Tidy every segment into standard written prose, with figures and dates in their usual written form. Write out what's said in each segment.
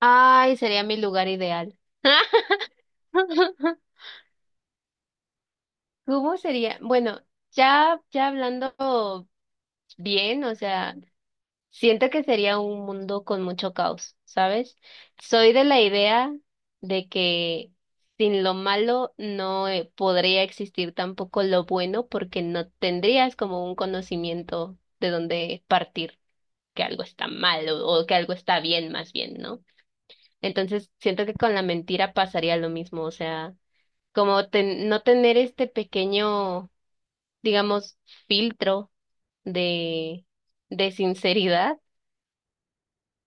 Ay, sería mi lugar ideal. ¿Cómo sería? Bueno, ya hablando bien, o sea, siento que sería un mundo con mucho caos, ¿sabes? Soy de la idea de que sin lo malo no podría existir tampoco lo bueno porque no tendrías como un conocimiento de dónde partir, que algo está mal o que algo está bien más bien, ¿no? Entonces, siento que con la mentira pasaría lo mismo, o sea, como no tener este pequeño, digamos, filtro de, de sinceridad,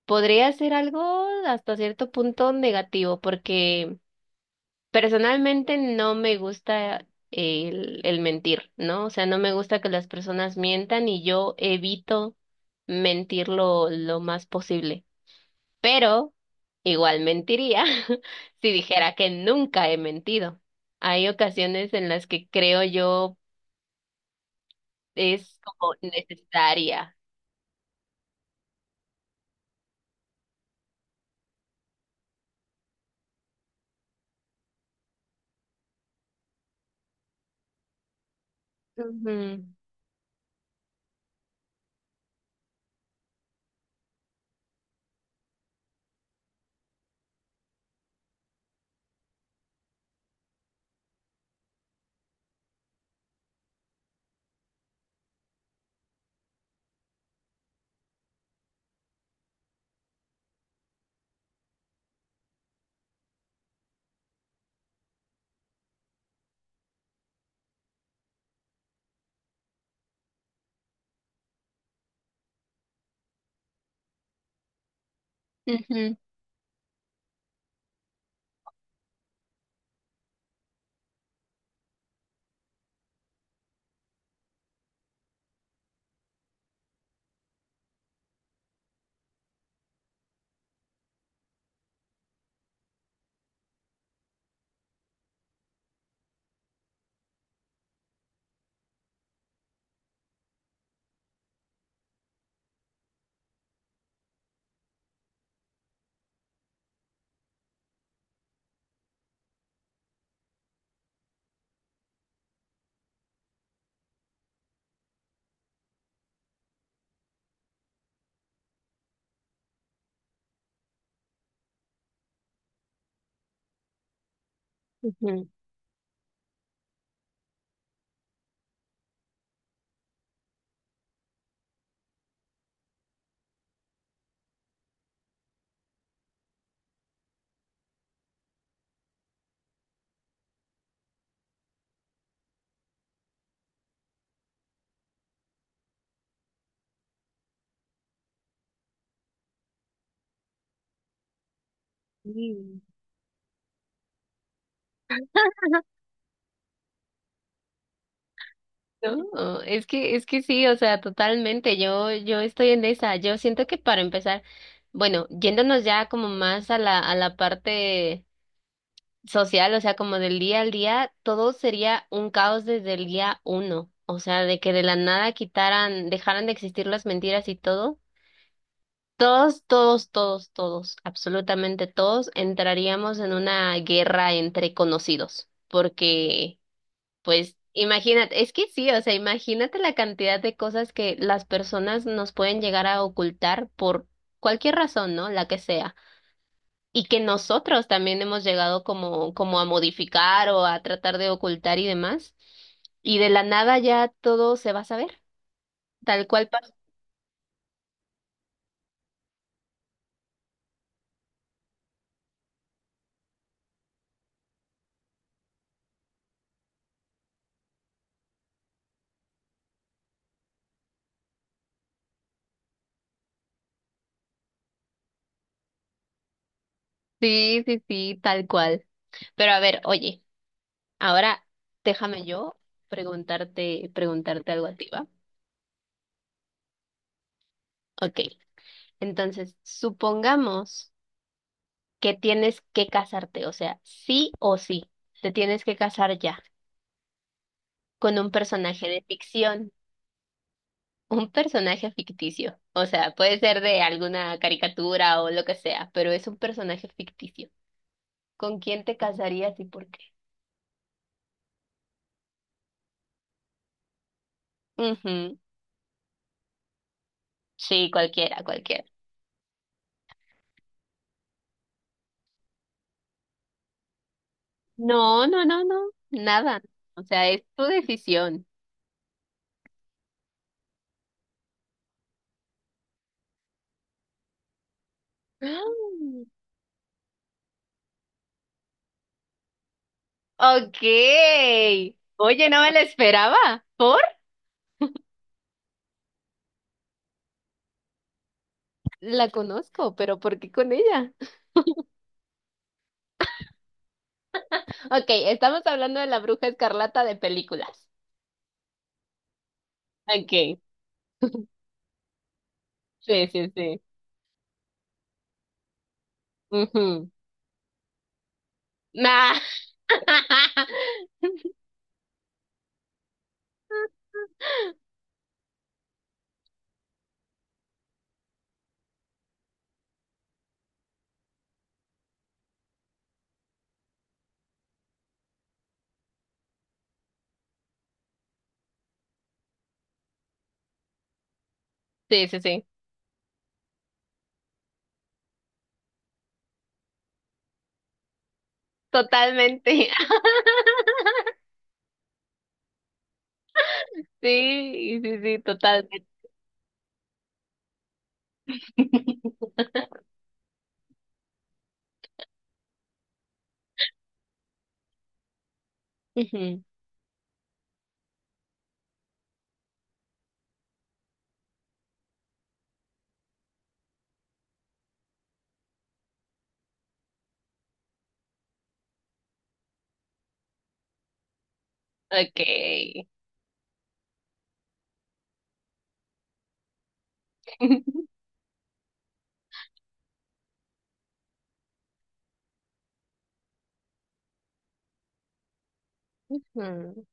podría ser algo hasta cierto punto negativo, porque personalmente no me gusta el mentir, ¿no? O sea, no me gusta que las personas mientan y yo evito mentir lo más posible. Pero igual mentiría si dijera que nunca he mentido. Hay ocasiones en las que creo yo es como necesaria. Ujú, ujú, ujú. Sí. Ajá. No, es que sí, o sea, totalmente, yo estoy en esa, yo siento que para empezar, bueno, yéndonos ya como más a la parte social, o sea, como del día al día, todo sería un caos desde el día uno, o sea, de que de la nada quitaran, dejaran de existir las mentiras y todo. Todos, todos, todos, todos, absolutamente todos entraríamos en una guerra entre conocidos, porque, pues, imagínate, es que sí, o sea, imagínate la cantidad de cosas que las personas nos pueden llegar a ocultar por cualquier razón, ¿no? La que sea, y que nosotros también hemos llegado como, como a modificar o a tratar de ocultar y demás, y de la nada ya todo se va a saber, tal cual pasó. Sí, sí, sí, tal cual. Pero a ver, oye. Ahora déjame yo preguntarte algo a ti, ¿va? Ok. Entonces, supongamos que tienes que casarte, o sea, sí o sí, te tienes que casar ya con un personaje de ficción, un personaje ficticio. O sea, puede ser de alguna caricatura o lo que sea, pero es un personaje ficticio. ¿Con quién te casarías y por qué? Ujú. Sí, cualquiera, cualquiera. No, no, no, no, nada. O sea, es tu decisión. Ok. Oye, no me la esperaba. ¿Por? La conozco, pero ¿por qué con ella? Ok, estamos hablando de la Bruja Escarlata de películas. Ok. Sí, sí, sí. Ujú. Nah. Sí, sí, sí. Totalmente. Sí, sí, sí, totalmente. Ujú. Ok. Ujú.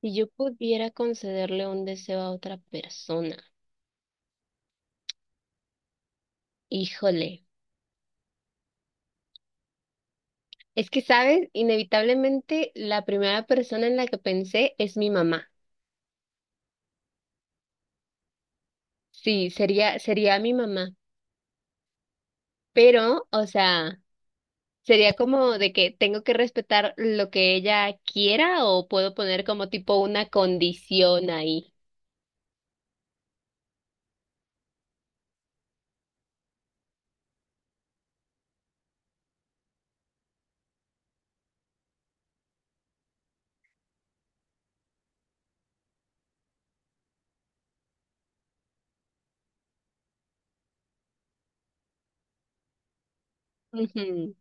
Si yo pudiera concederle un deseo a otra persona, híjole. Es que, ¿sabes? Inevitablemente la primera persona en la que pensé es mi mamá. Sí, sería mi mamá. Pero, o sea, sería como de que tengo que respetar lo que ella quiera o puedo poner como tipo una condición ahí. Ujú.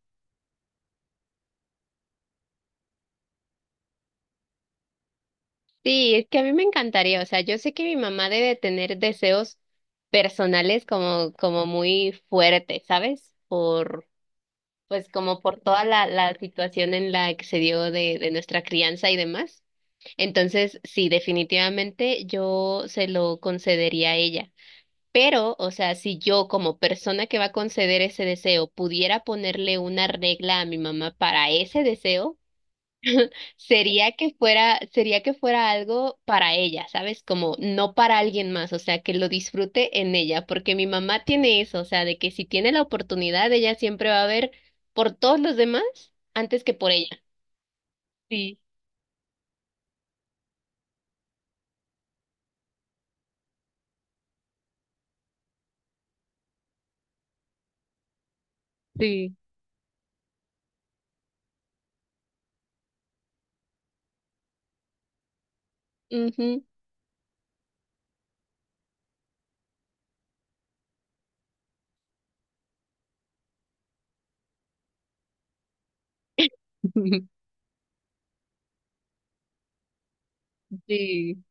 Sí, es que a mí me encantaría. O sea, yo sé que mi mamá debe tener deseos personales como, como muy fuertes, ¿sabes? Por pues como por toda la situación en la que se dio de nuestra crianza y demás. Entonces, sí, definitivamente yo se lo concedería a ella. Pero, o sea, si yo como persona que va a conceder ese deseo pudiera ponerle una regla a mi mamá para ese deseo, sería que fuera algo para ella, ¿sabes? Como no para alguien más, o sea, que lo disfrute en ella, porque mi mamá tiene eso, o sea, de que si tiene la oportunidad, ella siempre va a ver por todos los demás antes que por ella. Sí, sí. Ujú. Sí,